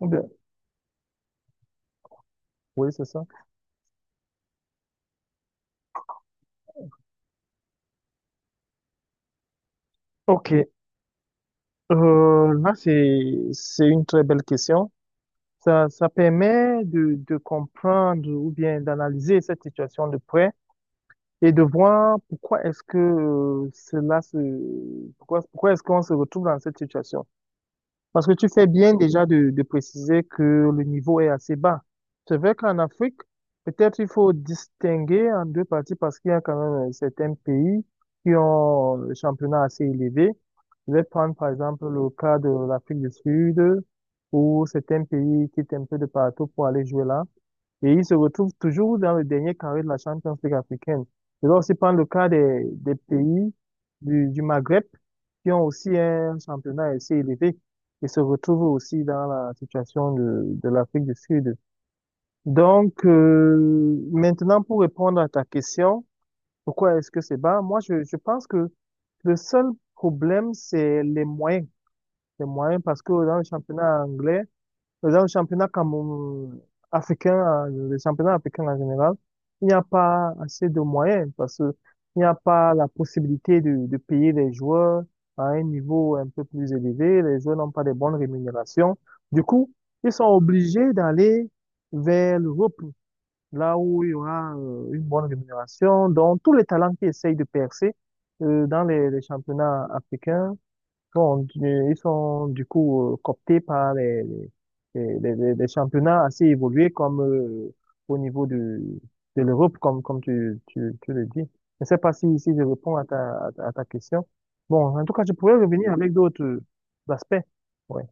Ou bien- Oui, c'est ça. OK. Là, c'est une très belle question. Ça permet de comprendre ou bien d'analyser cette situation de près et de voir pourquoi est-ce que pourquoi est-ce qu'on se retrouve dans cette situation. Parce que tu fais bien déjà de préciser que le niveau est assez bas. C'est vrai qu'en Afrique, peut-être il faut distinguer en deux parties parce qu'il y a quand même certains pays qui ont le championnat assez élevé. Je vais prendre par exemple le cas de l'Afrique du Sud où certains pays quittent un peu de partout pour aller jouer là. Et ils se retrouvent toujours dans le dernier carré de la Champions League africaine. Je dois aussi prendre le cas des pays du Maghreb qui ont aussi un championnat assez élevé et se retrouvent aussi dans la situation de l'Afrique du Sud. Donc, maintenant, pour répondre à ta question, pourquoi est-ce que c'est bas? Moi, je pense que le seul problème, c'est les moyens. Les moyens, parce que dans le championnat anglais, par exemple, le championnat Cameroun africain, le championnat africain en général, il n'y a pas assez de moyens parce que il n'y a pas la possibilité de payer les joueurs à un niveau un peu plus élevé. Les joueurs n'ont pas de bonnes rémunérations. Du coup, ils sont obligés d'aller vers l'Europe, là où il y aura une bonne rémunération. Donc, tous les talents qui essayent de percer dans les championnats africains. Bon, ils sont du coup cooptés par les championnats assez évolués comme au niveau de l'Europe, comme tu le dis. Je ne sais pas si je réponds à ta question. Bon, en tout cas, je pourrais revenir avec d'autres aspects. Ouais.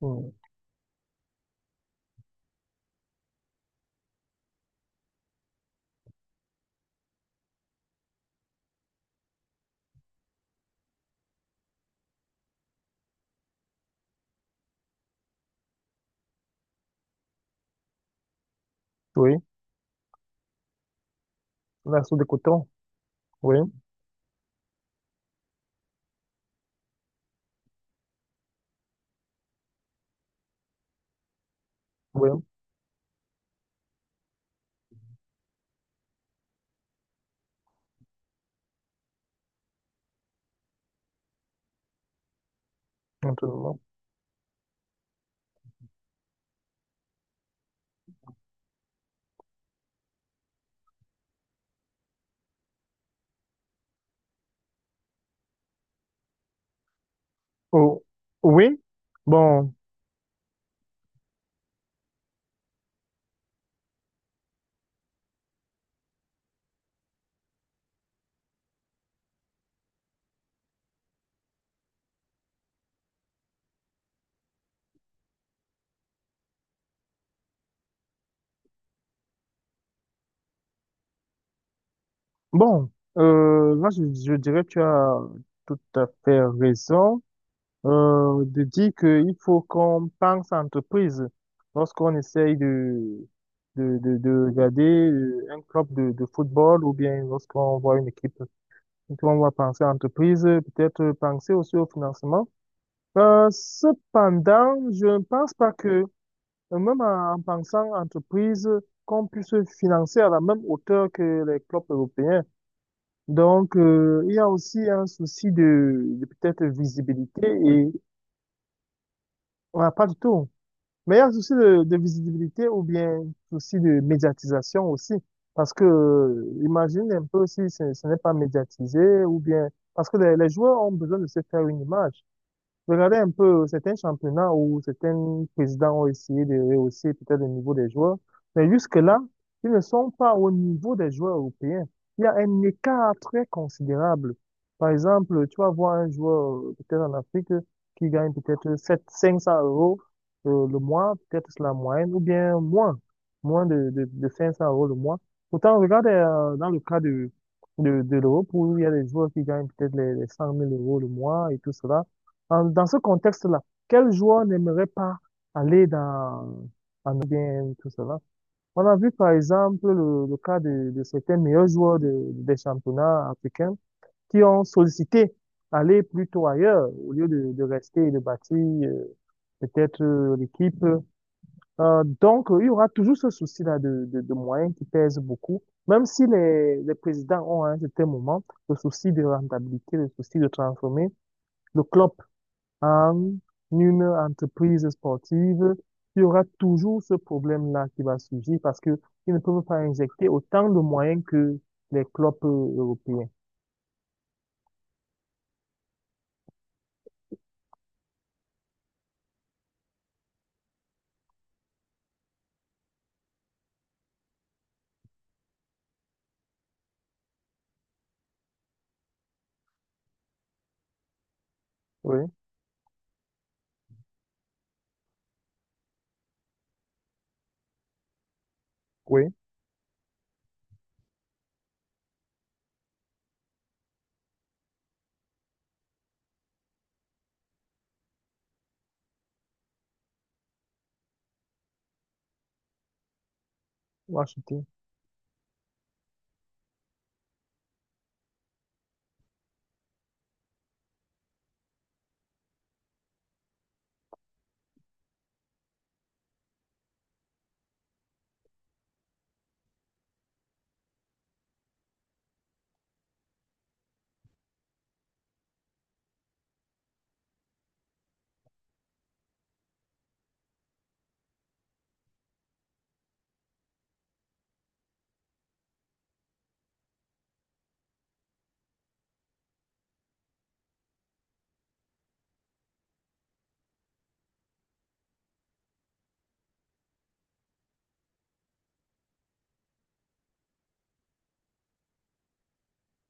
Mm. Oui, la soupe de coton. Oui, oui, absolument. Oh, oui, bon. Bon, là, je dirais que tu as tout à fait raison de dire qu'il faut qu'on pense entreprise lorsqu'on essaye de regarder un club de football ou bien lorsqu'on voit une équipe. Donc, on va penser entreprise, peut-être penser aussi au financement. Cependant, je ne pense pas que, même en pensant entreprise, qu'on puisse financer à la même hauteur que les clubs européens. Donc, il y a aussi un souci de peut-être visibilité et on n'a pas du tout. Mais il y a un souci de visibilité ou bien souci de médiatisation aussi. Parce que, imagine un peu si ce n'est pas médiatisé ou bien, parce que les joueurs ont besoin de se faire une image. Je regardais un peu certains championnats où certains présidents ont essayé de rehausser peut-être le niveau des joueurs, mais jusque-là, ils ne sont pas au niveau des joueurs européens. Il y a un écart très considérable. Par exemple, tu vas voir un joueur peut-être en Afrique qui gagne peut-être sept cinq cents euros le mois, peut-être c'est la moyenne, ou bien moins, moins de 500 € le mois. Pourtant, regarde dans le cas de l'Europe où il y a des joueurs qui gagnent peut-être les 100 000 euros le mois et tout cela. Dans ce contexte-là, quel joueur n'aimerait pas aller en bien tout cela? On a vu par exemple le cas de certains meilleurs joueurs des championnats africains qui ont sollicité aller plutôt ailleurs au lieu de rester et de bâtir peut-être l'équipe. Donc, il y aura toujours ce souci-là de moyens qui pèse beaucoup, même si les présidents ont à un certain moment le souci de rentabilité, le souci de transformer le club en une entreprise sportive, il y aura toujours ce problème-là qui va surgir parce que ils ne peuvent pas injecter autant de moyens que les clubs européens. Oui, oui, acheter.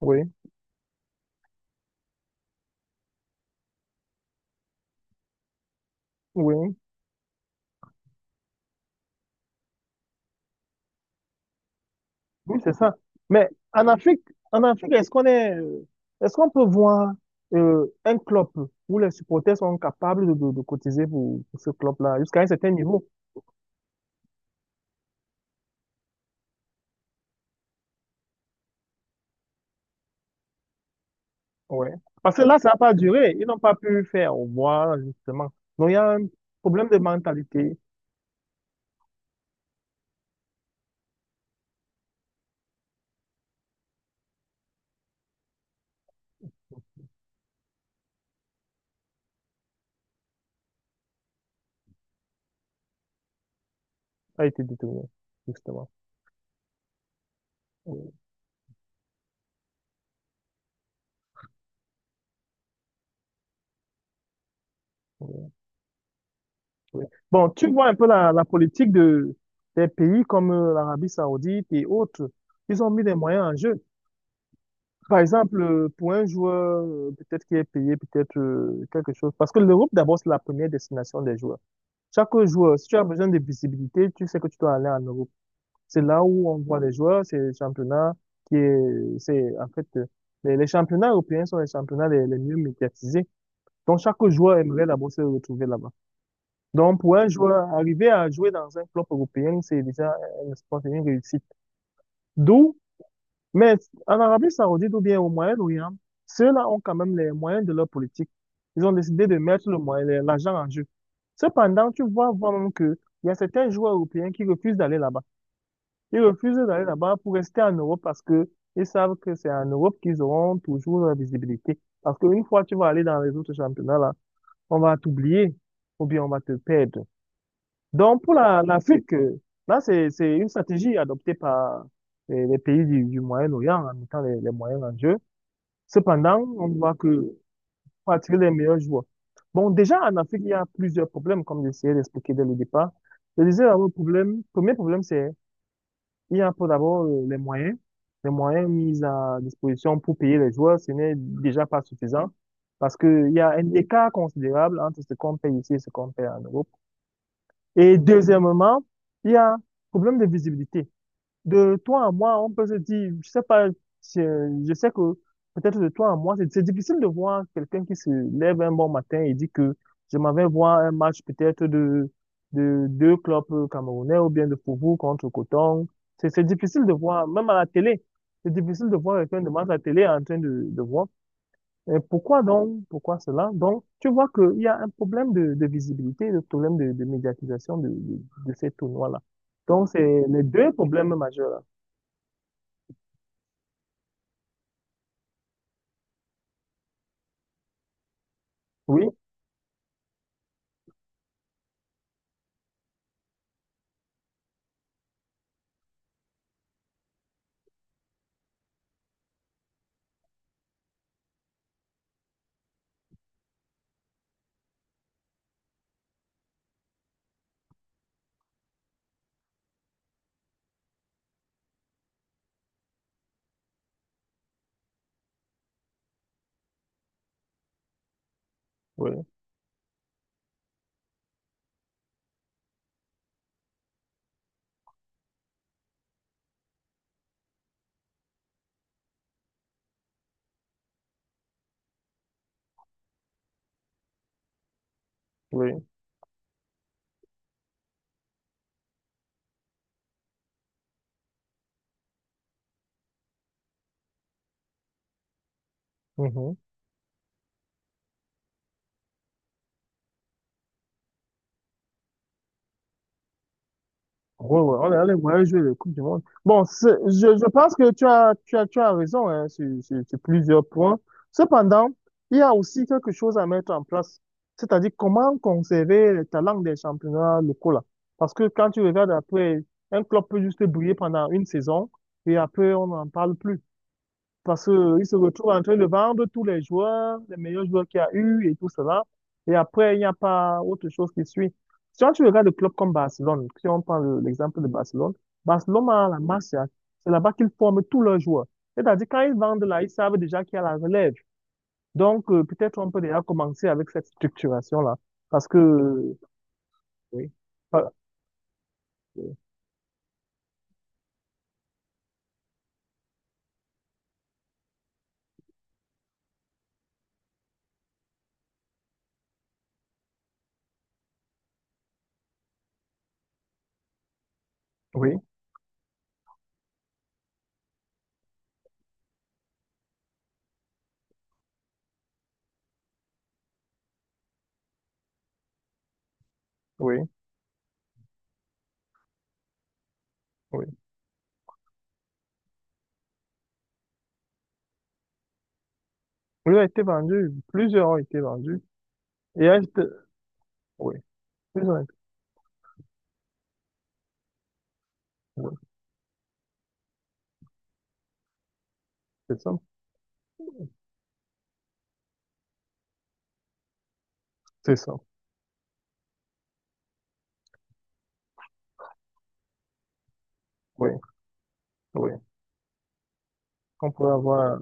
Oui, oui. Oui, c'est ça. Mais en Afrique, est-ce qu'on peut voir un club où les supporters sont capables de cotiser pour ce club-là jusqu'à un certain niveau? Ouais. Parce que là, ça n'a pas duré. Ils n'ont pas pu faire au revoir, justement. Donc, il y a un problème de mentalité qui a été détourné, justement. Oui, oui, oui. Bon, tu vois un peu la politique des pays comme l'Arabie Saoudite et autres. Ils ont mis des moyens en jeu. Par exemple, pour un joueur, peut-être qui est payé, peut-être quelque chose. Parce que l'Europe, d'abord, c'est la première destination des joueurs. Chaque joueur, si tu as besoin de visibilité, tu sais que tu dois aller en Europe. C'est là où on voit les joueurs, c'est le championnat c'est, en fait, les championnats européens sont les championnats les mieux médiatisés. Donc, chaque joueur aimerait d'abord se retrouver là-bas. Donc, pour un joueur, arriver à jouer dans un club européen, c'est déjà un espoir, c'est une réussite. D'où Mais en Arabie Saoudite ou bien au Moyen-Orient, ceux-là ont quand même les moyens de leur politique. Ils ont décidé de mettre le moyen, l'argent en jeu. Cependant, tu vois vraiment qu'il y a certains joueurs européens qui refusent d'aller là-bas. Ils refusent d'aller là-bas pour rester en Europe parce que ils savent que c'est en Europe qu'ils auront toujours la visibilité. Parce qu'une fois que tu vas aller dans les autres championnats, là, on va t'oublier ou bien on va te perdre. Donc, pour l'Afrique, là, c'est une stratégie adoptée par les pays du Moyen-Orient en mettant les moyens en jeu. Cependant, on voit que pour attirer les meilleurs joueurs. Bon, déjà, en Afrique, il y a plusieurs problèmes, comme j'essayais d'expliquer dès le départ. Je disais, d'abord le problème, premier problème, c'est il y a pour d'abord les moyens. Les moyens mis à disposition pour payer les joueurs, ce n'est déjà pas suffisant parce qu'il y a un écart considérable entre ce qu'on paye ici et ce qu'on paye en Europe. Et deuxièmement, il y a un problème de visibilité. De toi à moi, on peut se dire, je sais pas, je sais que peut-être de toi à moi, c'est difficile de voir quelqu'un qui se lève un bon matin et dit que je m'en vais voir un match peut-être de deux clubs camerounais ou bien de Fofo contre Coton. C'est difficile de voir, même à la télé, c'est difficile de voir quelqu'un de match à la télé en train de voir. Et pourquoi donc? Pourquoi cela? Donc, tu vois qu'il y a un problème de visibilité, un problème de médiatisation de ces tournois-là. Donc, c'est les deux problèmes majeurs. Là. Oui, oui, oui. Mhm. Ouais, ouais, on est allé voir jouer le Coupe du Monde. Bon, je pense que tu as raison hein, sur plusieurs points. Cependant, il y a aussi quelque chose à mettre en place, c'est-à-dire comment conserver le talent des championnats locaux là. Parce que quand tu regardes après, un club peut juste briller pendant une saison et après on n'en parle plus. Parce qu'il se retrouve en train de vendre tous les joueurs, les meilleurs joueurs qu'il y a eu et tout cela. Et après, il n'y a pas autre chose qui suit. Si on- Tu regardes le club comme Barcelone, si on prend l'exemple de Barcelone, Barcelone a la Masia. C'est là-bas qu'ils forment tous leurs joueurs. C'est-à-dire, quand ils vendent là, ils savent déjà qu'il y a la relève. Donc, peut-être on peut déjà commencer avec cette structuration-là. Parce que, oui, pas- oui, oui, oui. Oui, a été vendu. Plusieurs ont été vendus. Et elle, oui, plusieurs ont été- oui, c'est ça. C'est ça. Oui, oui, qu'on pourrait avoir.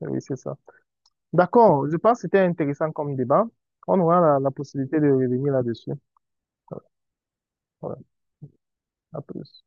Oui, c'est ça. D'accord, je pense que c'était intéressant comme débat. On aura la possibilité de revenir là-dessus. Voilà, à plus.